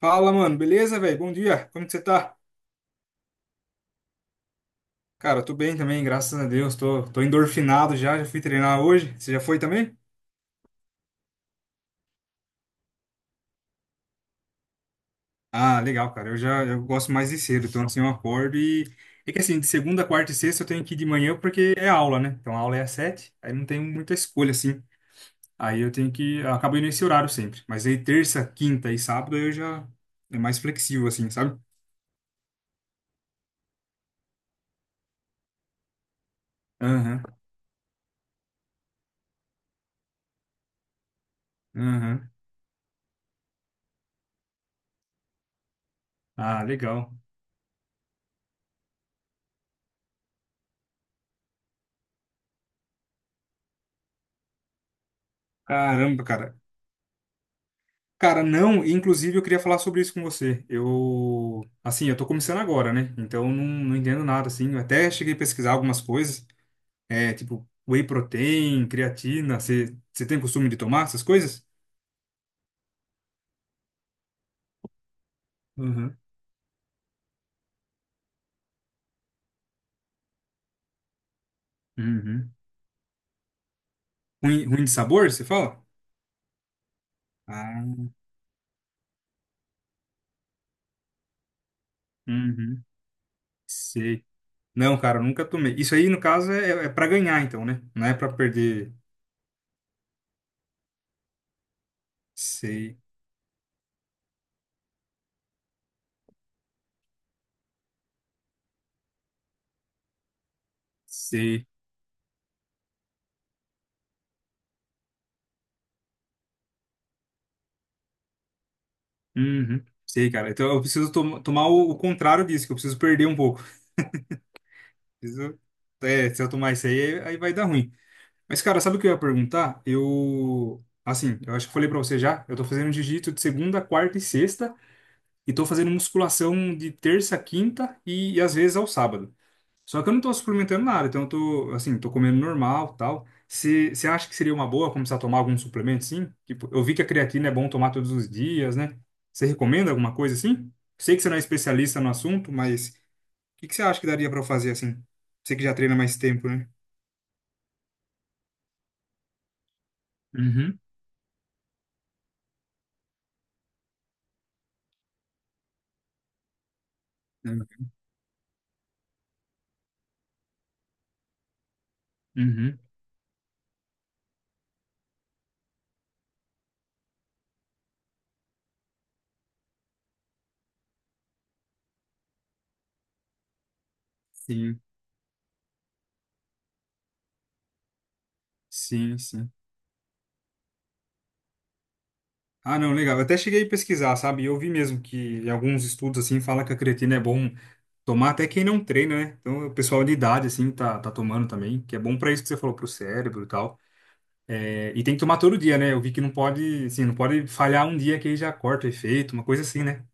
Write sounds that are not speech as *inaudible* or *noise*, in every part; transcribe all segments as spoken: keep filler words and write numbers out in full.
Fala, mano, beleza, velho? Bom dia, como que você tá? Cara, eu tô bem também, graças a Deus, tô, tô endorfinado já, já fui treinar hoje. Você já foi também? Ah, legal, cara, eu já eu gosto mais de cedo, então assim eu acordo e. É que assim, de segunda, quarta e sexta eu tenho que ir de manhã porque é aula, né? Então a aula é às sete, aí não tem muita escolha assim. Aí eu tenho que. Eu acabo indo nesse horário sempre. Mas aí terça, quinta e sábado eu já. É mais flexível assim, sabe? Aham, aham. Ah, legal. Caramba, cara. Cara, não, e, inclusive eu queria falar sobre isso com você. Eu, assim, eu tô começando agora, né? Então eu não, não entendo nada, assim. Eu até cheguei a pesquisar algumas coisas, é, tipo whey protein, creatina. Você você tem costume de tomar essas coisas? Uhum. Uhum. Ruim, ruim de sabor, você fala? Ah, uhum. Sei. Não, cara, eu nunca tomei. Isso aí, no caso, é, é para ganhar, então, né? Não é para perder. Sei, sei. Uhum. Sei, cara. Então eu preciso tom- tomar o, o contrário disso, que eu preciso perder um pouco. Preciso- É, se eu tomar isso aí, aí vai dar ruim. Mas, cara, sabe o que eu ia perguntar? Eu. Assim, eu acho que falei pra você já. Eu tô fazendo jiu-jitsu de segunda, quarta e sexta. E tô fazendo musculação de terça, quinta e, e às vezes ao sábado. Só que eu não tô suplementando nada. Então, eu tô, assim, tô comendo normal tal. Você você acha que seria uma boa começar a tomar algum suplemento, sim? Tipo, eu vi que a creatina é bom tomar todos os dias, né? Você recomenda alguma coisa assim? Sei que você não é especialista no assunto, mas o que que você acha que daria pra eu fazer assim? Você que já treina mais tempo, né? Uhum, uhum, sim, sim, sim. Ah, não, legal. Eu até cheguei a pesquisar, sabe? E eu vi mesmo que em alguns estudos assim fala que a creatina é bom tomar até quem não treina, né? Então o pessoal de idade assim tá, tá tomando também, que é bom pra isso que você falou pro cérebro e tal. É, e tem que tomar todo dia, né? Eu vi que não pode, assim, não pode falhar um dia que aí já corta o efeito, uma coisa assim, né?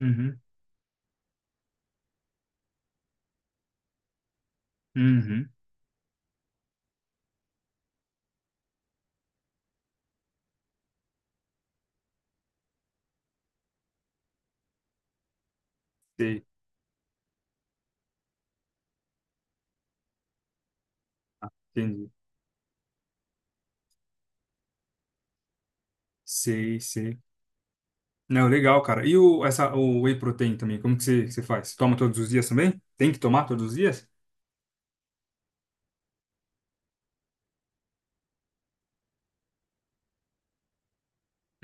Uhum, uhum, sei, ah, entendi, sei, sei. Não, legal, cara. E o, essa, o whey protein também, como que você, que você faz? Toma todos os dias também? Tem que tomar todos os dias?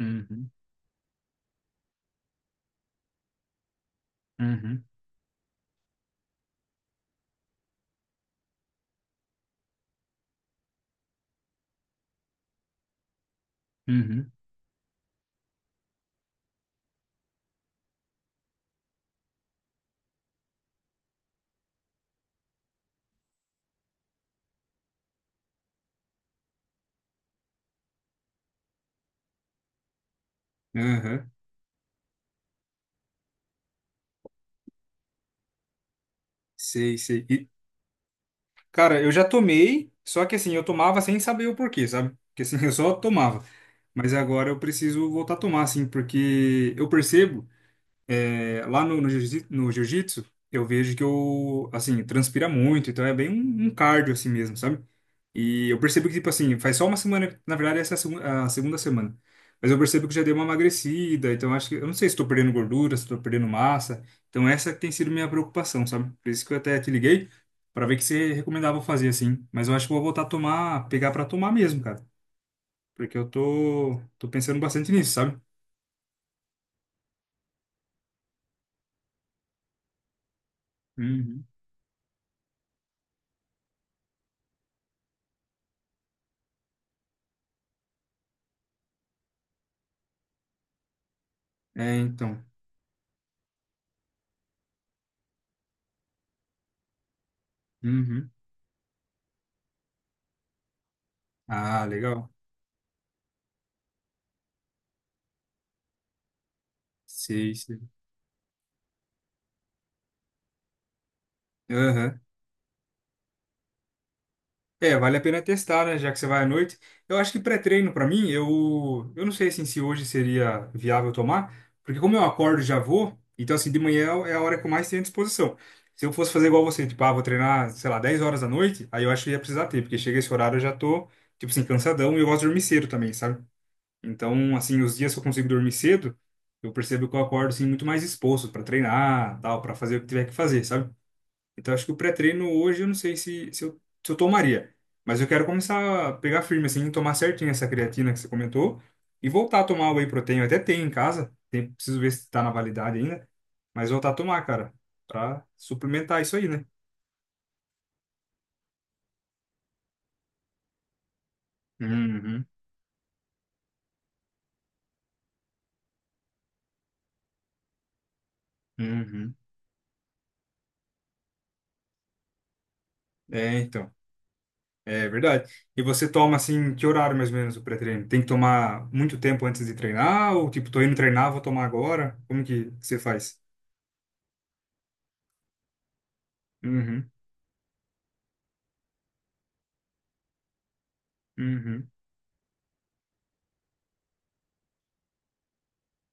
Uhum, uhum, uhum, uhum. Sei, sei. E, cara, eu já tomei, só que assim, eu tomava sem saber o porquê, sabe? Porque assim, *laughs* eu só tomava. Mas agora eu preciso voltar a tomar, assim, porque eu percebo. É, lá no, no jiu-jitsu, no jiu-jitsu, eu vejo que eu, assim, transpira muito, então é bem um, um cardio assim mesmo, sabe? E eu percebo que, tipo assim, faz só uma semana, na verdade essa é a, segu- a segunda semana, mas eu percebo que já dei uma emagrecida, então acho que, eu não sei se estou perdendo gordura, se estou perdendo massa, então essa tem sido minha preocupação, sabe? Por isso que eu até te liguei, para ver o que você recomendava eu fazer, assim, mas eu acho que vou voltar a tomar, pegar para tomar mesmo, cara, porque eu tô, tô pensando bastante nisso, sabe? Uhum. É, então. Uhum. Ah, legal. Sei, sei. Aham. É, vale a pena testar, né? Já que você vai à noite. Eu acho que pré-treino, pra mim, eu, eu não sei assim, se hoje seria viável tomar, porque como eu acordo e já vou, então assim, de manhã é a hora que eu mais tenho disposição. Se eu fosse fazer igual você, tipo, ah, vou treinar, sei lá, dez horas da noite, aí eu acho que ia precisar ter, porque chega esse horário eu já tô, tipo assim, cansadão e eu gosto de dormir cedo também, sabe? Então, assim, os dias que eu consigo dormir cedo, eu percebo que eu acordo, assim, muito mais disposto pra treinar, tal, pra fazer o que tiver que fazer, sabe? Então, acho que o pré-treino hoje eu não sei se, se, eu, se eu tomaria. Mas eu quero começar a pegar firme, assim, tomar certinho essa creatina que você comentou e voltar a tomar whey protein. Eu até tenho em casa, tem, preciso ver se tá na validade ainda. Mas voltar a tomar, cara, pra suplementar isso aí, né? Uhum, uhum. É, então. É verdade. E você toma, assim, que horário mais ou menos o pré-treino? Tem que tomar muito tempo antes de treinar? Ou, tipo, tô indo treinar, vou tomar agora? Como que você faz? Uhum, uhum.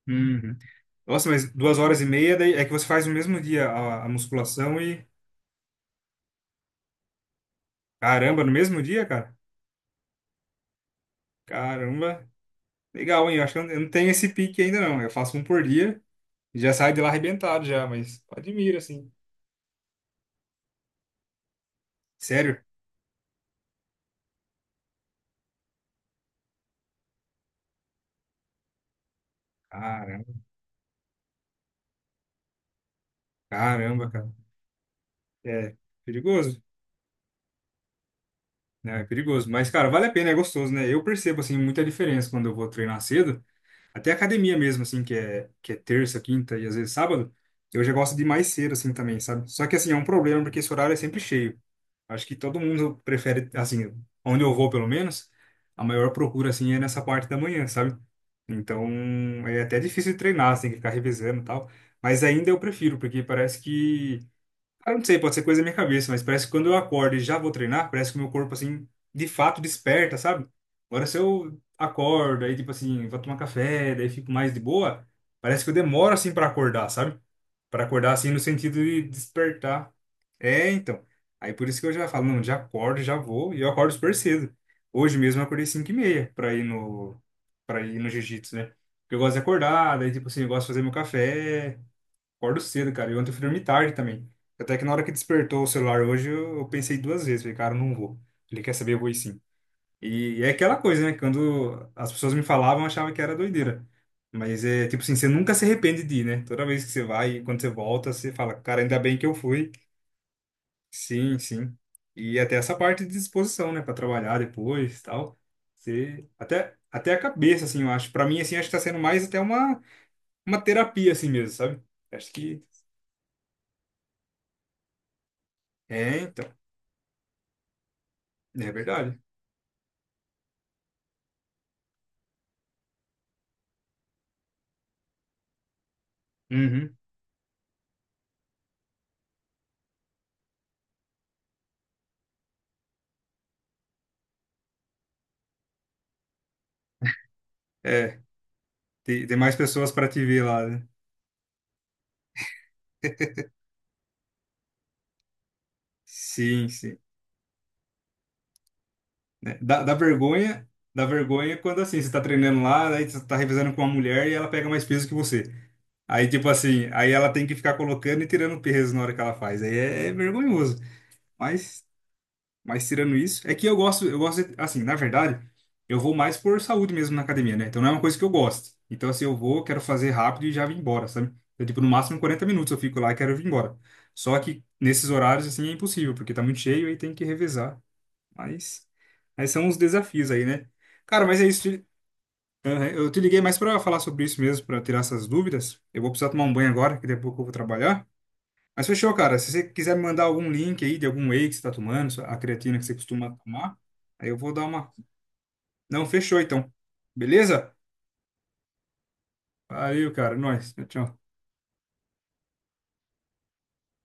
Uhum. Nossa, mas duas horas e meia daí é que você faz no mesmo dia a, a musculação e. Caramba, no mesmo dia, cara? Caramba. Legal, hein? Eu acho que eu não eu não tenho esse pique ainda, não. Eu faço um por dia e já saio de lá arrebentado já, mas admiro, assim. Sério? Caramba, caramba, cara. É perigoso, né? É perigoso. Mas, cara, vale a pena, é gostoso, né? Eu percebo, assim, muita diferença quando eu vou treinar cedo. Até academia mesmo, assim, que é, que é terça, quinta e às vezes sábado, eu já gosto de ir mais cedo, assim, também, sabe? Só que, assim, é um problema porque esse horário é sempre cheio. Acho que todo mundo prefere, assim, onde eu vou, pelo menos, a maior procura, assim, é nessa parte da manhã, sabe? Então, é até difícil de treinar, você tem que ficar revezando e tal. Mas ainda eu prefiro, porque parece que eu não sei, pode ser coisa da minha cabeça, mas parece que quando eu acordo e já vou treinar, parece que o meu corpo, assim, de fato desperta, sabe? Agora, se eu acordo, aí, tipo assim, vou tomar café, daí fico mais de boa, parece que eu demoro, assim, para acordar, sabe? Para acordar, assim, no sentido de despertar. É, então. Aí, por isso que eu já falo, não, já acordo, já vou, e eu acordo super cedo. Hoje mesmo eu acordei cinco e meia para ir no, para ir no, jiu-jitsu, né? Porque eu gosto de acordar, daí, tipo assim, eu gosto de fazer meu café. Acordo cedo, cara. E ontem eu fui dormir tarde também. Até que na hora que despertou o celular hoje, eu, eu pensei duas vezes. Falei, cara, eu não vou. Ele quer saber, eu vou ir sim. E, é aquela coisa, né? Quando as pessoas me falavam, eu achava que era doideira. Mas é tipo assim, você nunca se arrepende de ir, né? Toda vez que você vai, quando você volta, você fala, cara, ainda bem que eu fui. Sim, sim. E até essa parte de disposição, né? Para trabalhar depois, tal. Você... Até, até a cabeça, assim, eu acho. Para mim, assim, acho que tá sendo mais até uma, uma terapia, assim mesmo, sabe? Acho que... É, então. É verdade. Uhum. É, tem, tem mais pessoas para te ver lá, né? Sim, sim. Né? Dá, dá vergonha, dá vergonha quando assim, você tá treinando lá, aí você tá revezando com uma mulher e ela pega mais peso que você. Aí, tipo assim, aí ela tem que ficar colocando e tirando peso na hora que ela faz. Aí é, é vergonhoso. Mas Mas tirando isso, é que eu gosto, eu gosto, de- assim, na verdade, eu vou mais por saúde mesmo na academia, né? Então não é uma coisa que eu gosto. Então, assim, eu vou, quero fazer rápido e já vim embora, sabe? Então, tipo, no máximo quarenta minutos eu fico lá e quero vir embora. Só que nesses horários, assim, é impossível, porque tá muito cheio e tem que revezar. Mas, mas são os desafios aí, né? Cara, mas é isso. Te- Aham, eu te liguei mais pra falar sobre isso mesmo, pra tirar essas dúvidas. Eu vou precisar tomar um banho agora, que daqui a pouco eu vou trabalhar. Mas fechou, cara. Se você quiser me mandar algum link aí de algum whey que você tá tomando, a creatina que você costuma tomar, aí eu vou dar uma. Não, fechou então. Beleza? Valeu, cara. Nós. Tchau. Tchau.